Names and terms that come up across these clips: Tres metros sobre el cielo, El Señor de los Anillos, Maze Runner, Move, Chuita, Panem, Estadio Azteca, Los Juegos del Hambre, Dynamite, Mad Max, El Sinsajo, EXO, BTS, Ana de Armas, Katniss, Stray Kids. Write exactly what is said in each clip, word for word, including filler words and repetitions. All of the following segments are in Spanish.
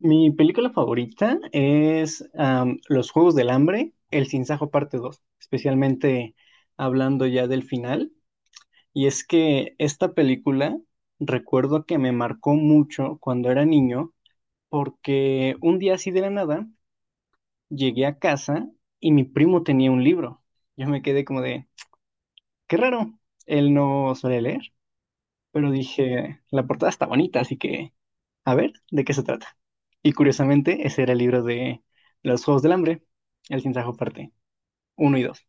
Mi película favorita es am, Los Juegos del Hambre, El Sinsajo parte Dos, especialmente hablando ya del final. Y es que esta película recuerdo que me marcó mucho cuando era niño, porque un día así de la nada llegué a casa y mi primo tenía un libro. Yo me quedé como de, qué raro, él no suele leer, pero dije, la portada está bonita, así que a ver de qué se trata. Y curiosamente, ese era el libro de Los Juegos del Hambre, El Sinsajo parte uno y dos.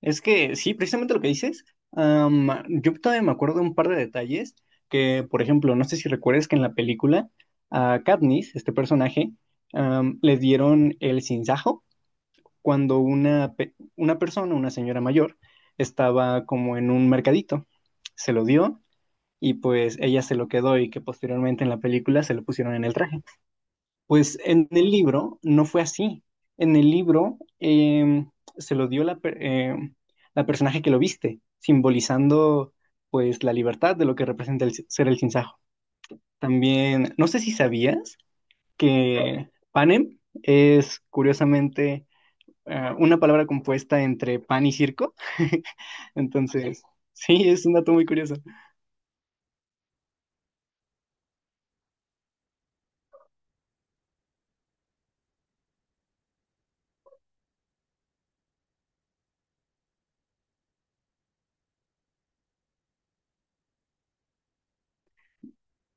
Es que sí, precisamente lo que dices, am, yo todavía me acuerdo de un par de detalles que, por ejemplo, no sé si recuerdes que en la película a Katniss, este personaje, am, le dieron el sinsajo cuando una, pe- una persona, una señora mayor, estaba como en un mercadito. Se lo dio y pues ella se lo quedó y que posteriormente en la película se lo pusieron en el traje. Pues en el libro no fue así. En el libro em, se lo dio la, per- em, la personaje que lo viste, simbolizando pues la libertad de lo que representa el si- ser el sinsajo. También, no sé si sabías que panem es curiosamente eh, una palabra compuesta entre pan y circo. Entonces, sí, es un dato muy curioso.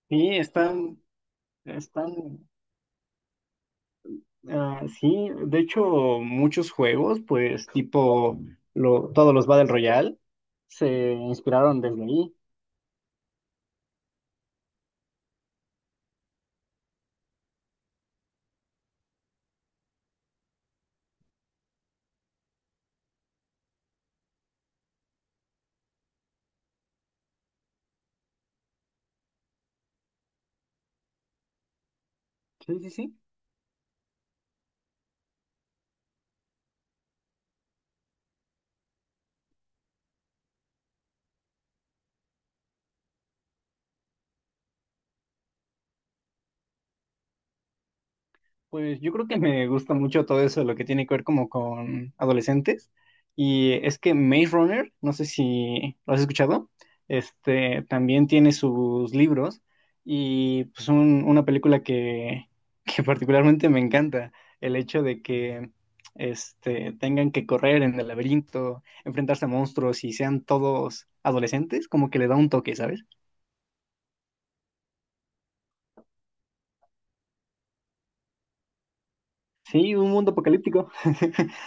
Sí, están, están. Ah, sí, de hecho, muchos juegos, pues tipo lo, todos los Battle Royale, se inspiraron desde ahí. Sí, sí, sí. Pues yo creo que me gusta mucho todo eso, lo que tiene que ver como con adolescentes. Y es que Maze Runner, no sé si lo has escuchado, este también tiene sus libros y pues un- una película que, que particularmente me encanta, el hecho de que este, tengan que correr en el laberinto, enfrentarse a monstruos y sean todos adolescentes, como que le da un toque, ¿sabes? Sí, un mundo apocalíptico.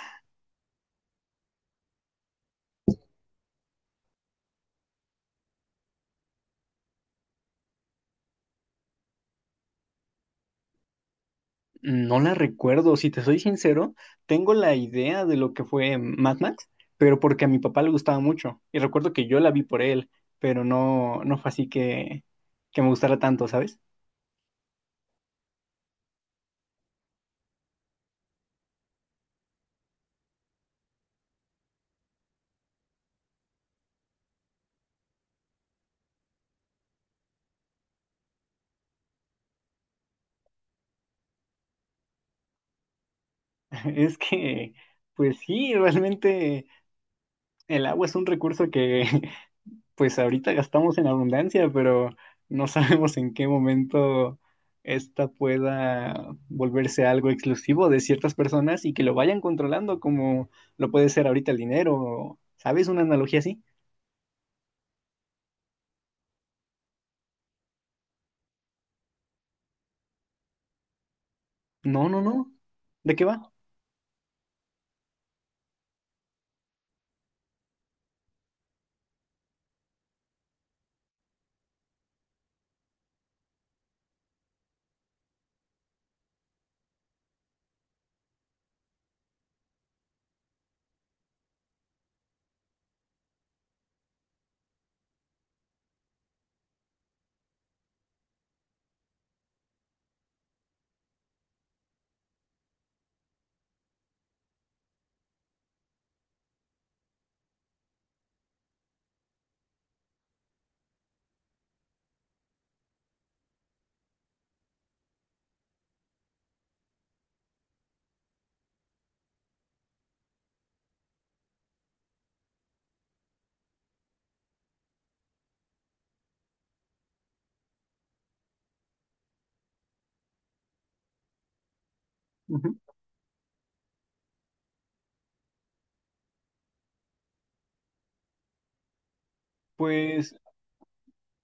No la recuerdo, si te soy sincero, tengo la idea de lo que fue Mad Max, pero porque a mi papá le gustaba mucho. Y recuerdo que yo la vi por él, pero no, no fue así que, que me gustara tanto, ¿sabes? Es que, pues sí, realmente el agua es un recurso que pues ahorita gastamos en abundancia, pero no sabemos en qué momento esta pueda volverse algo exclusivo de ciertas personas y que lo vayan controlando como lo puede ser ahorita el dinero. ¿Sabes? Una analogía así. No, no, no. ¿De qué va? Ujú. Pues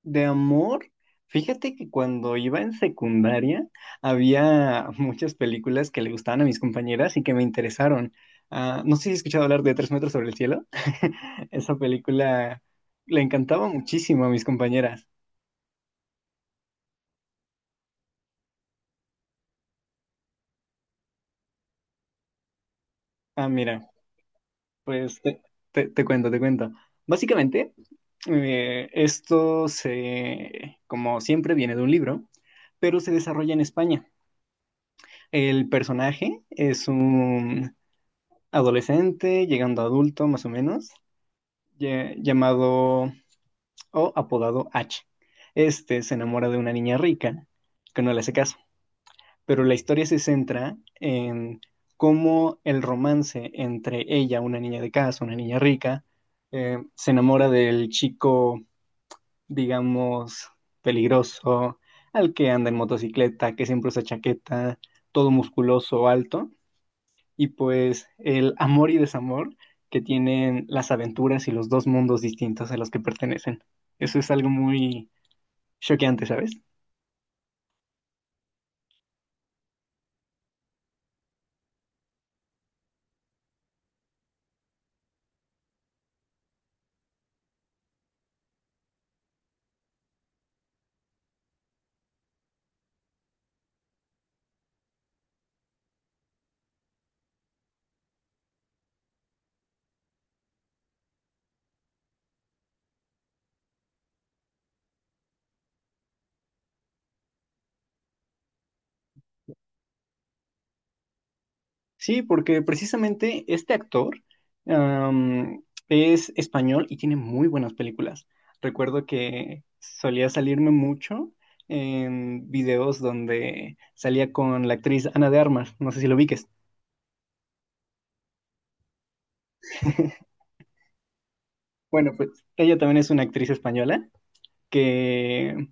de amor, fíjate que cuando iba en secundaria había muchas películas que le gustaban a mis compañeras y que me interesaron. Ah, no sé si has escuchado hablar de Tres metros sobre el cielo. Esa película le encantaba muchísimo a mis compañeras. Ah, mira, pues te, te- te cuento, te cuento. Básicamente, eh, esto se, como siempre, viene de un libro, pero se desarrolla en España. El personaje es un adolescente, llegando a adulto más o menos, lle- llamado o apodado H. Este se enamora de una niña rica que no le hace caso, pero la historia se centra en cómo el romance entre ella, una niña de casa, una niña rica, eh, se enamora del chico, digamos, peligroso, al que anda en motocicleta, que siempre usa chaqueta, todo musculoso, alto y pues el amor y desamor que tienen las aventuras y los dos mundos distintos a los que pertenecen. Eso es algo muy choqueante, ¿sabes? Sí, porque precisamente este actor am, es español y tiene muy buenas películas. Recuerdo que solía salirme mucho en videos donde salía con la actriz Ana de Armas, no sé si lo ubiques. Bueno, pues ella también es una actriz española que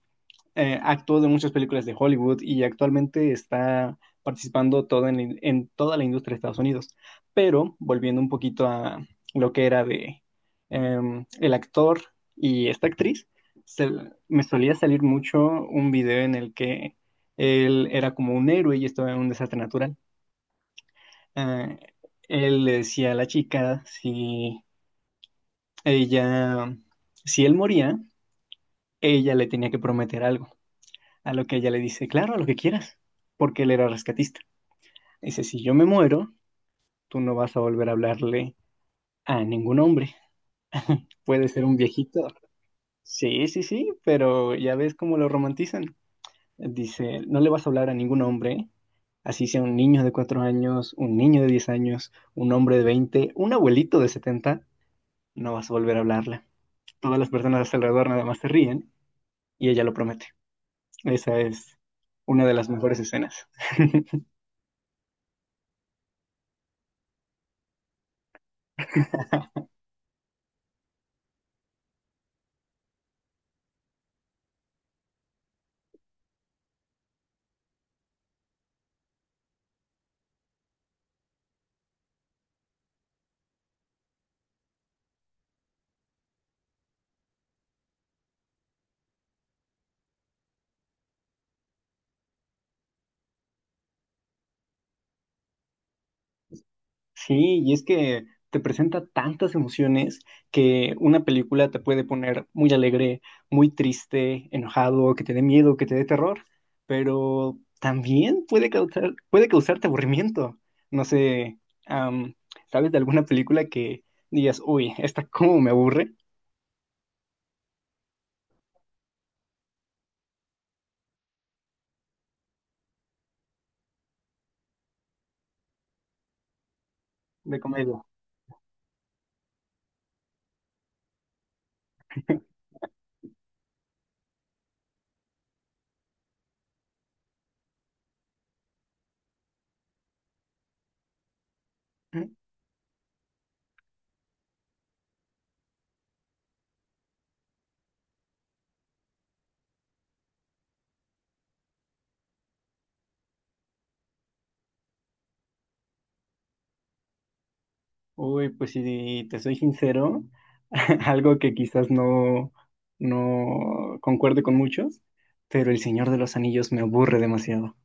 eh, actuó de muchas películas de Hollywood y actualmente está participando todo en, la- en toda la industria de Estados Unidos. Pero volviendo un poquito a lo que era de em, el actor y esta actriz, se- me solía salir mucho un video en el que él era como un héroe y estaba en un desastre natural. Eh, Él le decía a la chica si ella, si él moría, ella le tenía que prometer algo. A lo que ella le dice, claro, a lo que quieras, porque él era rescatista. Dice, si yo me muero, tú no vas a volver a hablarle a ningún hombre. Puede ser un viejito. Sí, sí, sí, pero ya ves cómo lo romantizan. Dice, no le vas a hablar a ningún hombre, así sea un niño de cuatro años, un niño de diez años, un hombre de veinte, un abuelito de setenta, no vas a volver a hablarle. Todas las personas a su alrededor nada más se ríen y ella lo promete. Esa es una de las mejores escenas. Sí, y es que te presenta tantas emociones que una película te puede poner muy alegre, muy triste, enojado, que te dé miedo, que te dé terror, pero también puede causar, puede causarte aburrimiento. No sé, am, ¿sabes de alguna película que digas, uy, esta cómo me aburre? De comedia. Uy, pues si te soy sincero, algo que quizás no, no concuerde con muchos, pero El Señor de los Anillos me aburre demasiado.